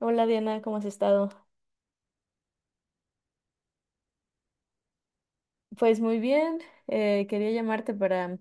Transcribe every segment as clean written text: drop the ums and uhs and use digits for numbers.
Hola Diana, ¿cómo has estado? Pues muy bien, quería llamarte para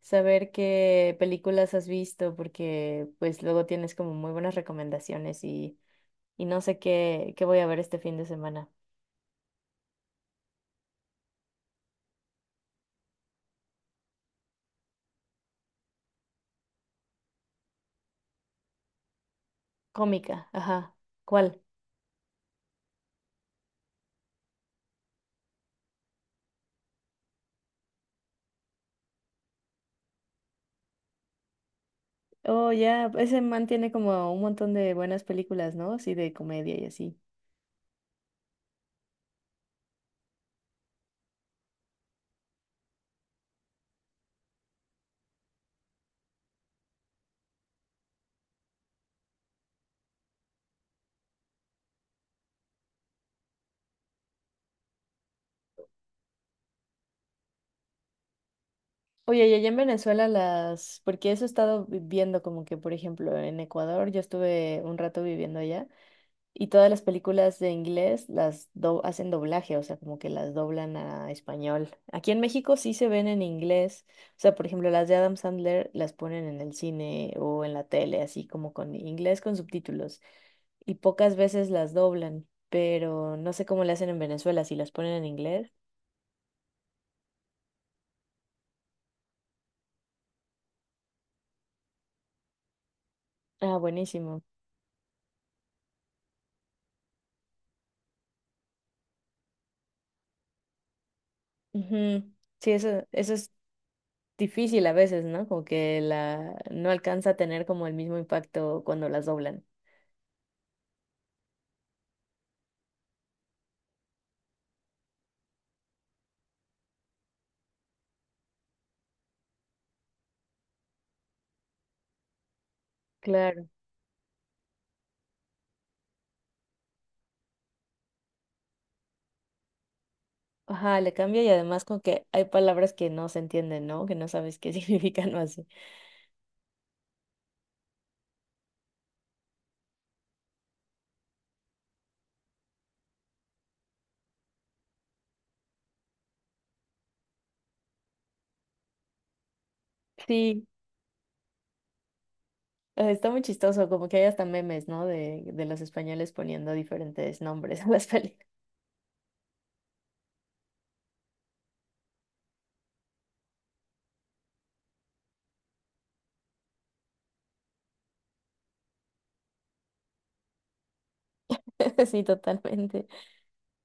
saber qué películas has visto porque pues luego tienes como muy buenas recomendaciones y no sé qué voy a ver este fin de semana. Cómica, ajá. ¿Cuál? Oh, ya, ese man tiene como un montón de buenas películas, ¿no? Sí, de comedia y así. Oye, y allá en Venezuela las, porque eso he estado viendo como que, por ejemplo, en Ecuador, yo estuve un rato viviendo allá. Y todas las películas de inglés hacen doblaje, o sea, como que las doblan a español. Aquí en México sí se ven en inglés, o sea, por ejemplo, las de Adam Sandler las ponen en el cine o en la tele, así como con inglés con subtítulos, y pocas veces las doblan, pero no sé cómo le hacen en Venezuela, si las ponen en inglés. Ah, buenísimo. Ujú. Sí, eso es difícil a veces, ¿no? Como que la no alcanza a tener como el mismo impacto cuando las doblan. Claro. Ajá, le cambia y además con que hay palabras que no se entienden, ¿no? Que no sabes qué significan o así. Sí, está muy chistoso, como que hay hasta memes, ¿no? De los españoles poniendo diferentes nombres a las películas. Sí, totalmente.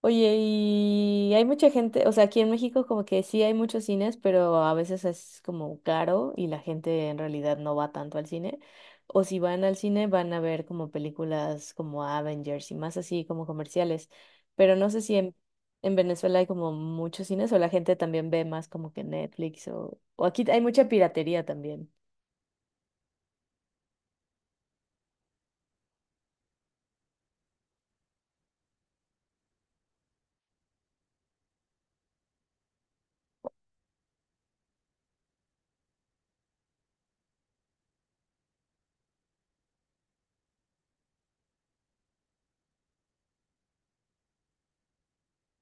Oye, y hay mucha gente, o sea, aquí en México como que sí hay muchos cines, pero a veces es como caro y la gente en realidad no va tanto al cine. O si van al cine van a ver como películas como Avengers y más así como comerciales. Pero no sé si en Venezuela hay como muchos cines o la gente también ve más como que Netflix o aquí hay mucha piratería también.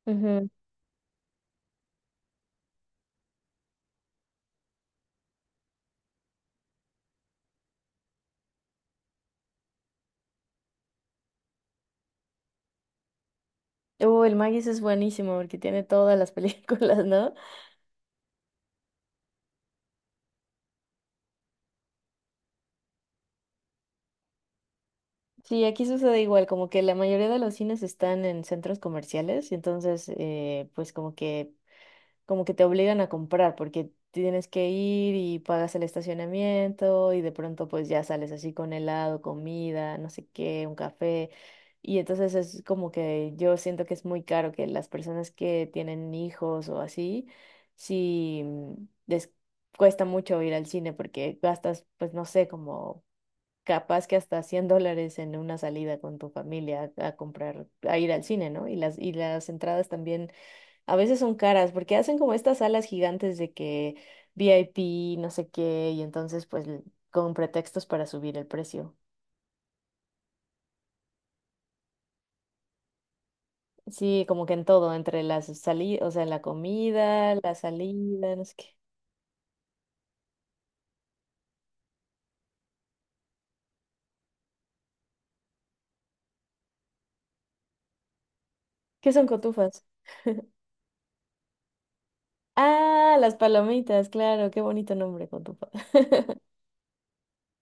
Ujú. El Magis es buenísimo porque tiene todas las películas, ¿no? Sí, aquí sucede igual, como que la mayoría de los cines están en centros comerciales, y entonces pues como que te obligan a comprar, porque tienes que ir y pagas el estacionamiento, y de pronto pues ya sales así con helado, comida, no sé qué, un café. Y entonces es como que yo siento que es muy caro que las personas que tienen hijos o así, sí les cuesta mucho ir al cine porque gastas, pues no sé, como capaz que hasta $100 en una salida con tu familia a comprar, a ir al cine, ¿no? Y las entradas también a veces son caras porque hacen como estas salas gigantes de que VIP, no sé qué, y entonces pues l- con pretextos para subir el precio. Sí, como que en todo, entre las salidas, o sea, la comida, la salida, no sé qué. ¿Qué son cotufas? Ah, las palomitas, claro, qué bonito nombre, cotufa.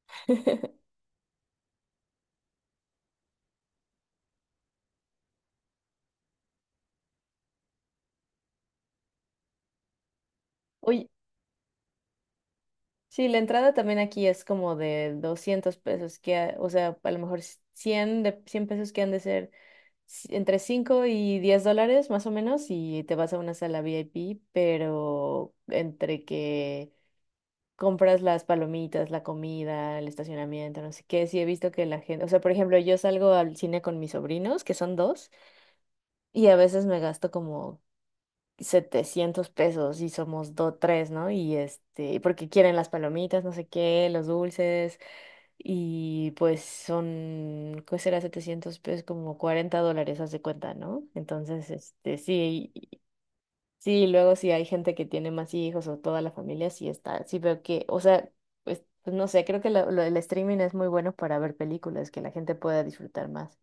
Oye, sí, la entrada también aquí es como de 200 pesos, que, a- o sea, a lo mejor cien pesos que han de ser entre 5 y 10 dólares más o menos y te vas a una sala VIP, pero entre que compras las palomitas, la comida, el estacionamiento, no sé qué, sí he visto que la gente, o sea, por ejemplo, yo salgo al cine con mis sobrinos, que son dos, y a veces me gasto como 700 pesos y somos dos, tres, ¿no? Y este, porque quieren las palomitas, no sé qué, los dulces, y pues son, ¿qué será 700 pesos? Como $40, haz de cuenta, ¿no? Entonces, este, sí, sí, luego si hay gente que tiene más hijos o toda la familia, sí está, sí veo que, o sea, pues, pues no sé, creo que el streaming es muy bueno para ver películas que la gente pueda disfrutar más.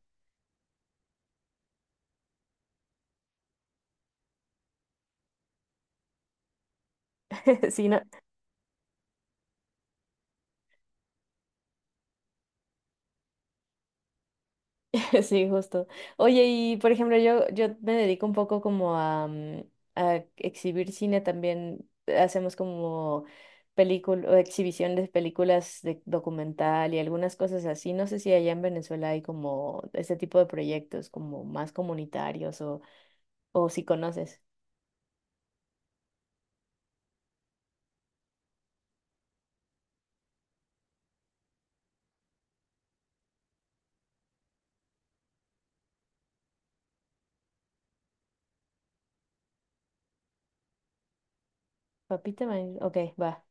Sí, no, Sí, justo. Oye, y por ejemplo, yo, me dedico un poco como a exhibir cine también. Hacemos como película, exhibición de películas de documental y algunas cosas así. No sé si allá en Venezuela hay como este tipo de proyectos como más comunitarios o si conoces. Papita Man, ok, va.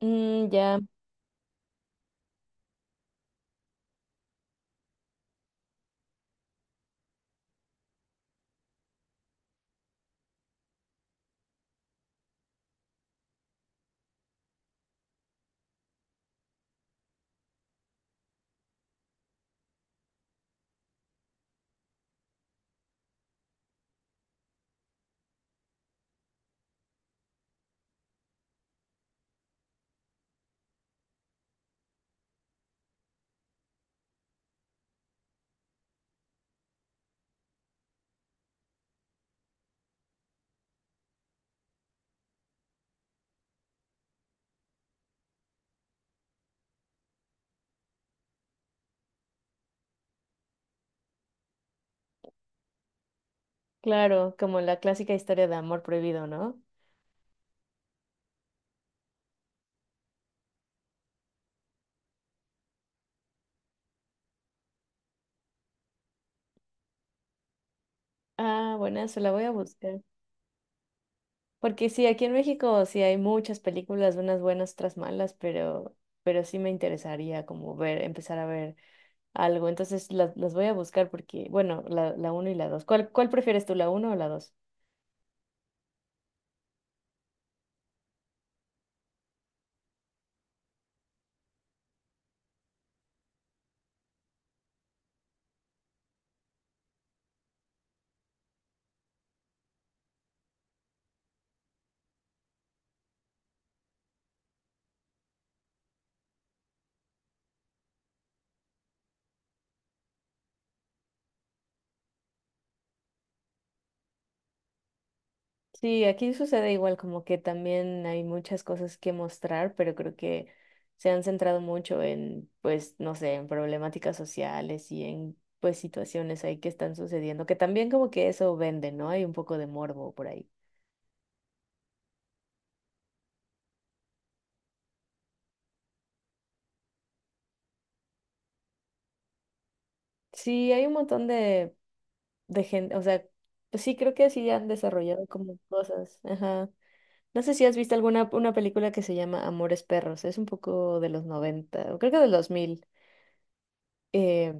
Mm, ya, claro, como la clásica historia de amor prohibido, ¿no? Ah, buena, se la voy a buscar. Porque sí, aquí en México sí hay muchas películas, unas buenas, otras malas, pero sí me interesaría como ver, empezar a ver algo. Entonces las voy a buscar porque, bueno, la uno y la dos. ¿Cuál prefieres tú, la uno o la dos? Sí, aquí sucede igual, como que también hay muchas cosas que mostrar, pero creo que se han centrado mucho en, pues, no sé, en problemáticas sociales y en, pues, situaciones ahí que están sucediendo, que también como que eso vende, ¿no? Hay un poco de morbo por ahí. Sí, hay un montón de gente, o sea, pues sí, creo que sí han desarrollado como cosas. Ajá. No sé si has visto alguna una película que se llama Amores Perros, es un poco de los 90, o creo que de los 2000, eh,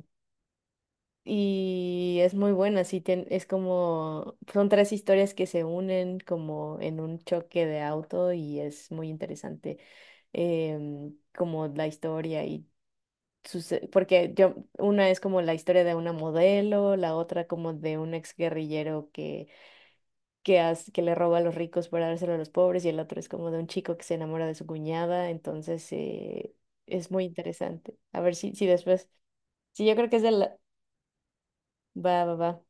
y es muy buena, sí, es como, son tres historias que se unen como en un choque de auto y es muy interesante como la historia y sus, porque yo, una es como la historia de una modelo, la otra como de un exguerrillero que le roba a los ricos para dárselo a los pobres, y el otro es como de un chico que se enamora de su cuñada, entonces es muy interesante. A ver si después, sí, yo creo que es de la. Va, va, va.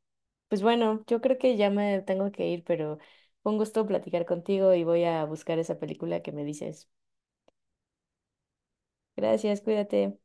Pues bueno, yo creo que ya me tengo que ir, pero fue un gusto platicar contigo y voy a buscar esa película que me dices. Gracias, cuídate.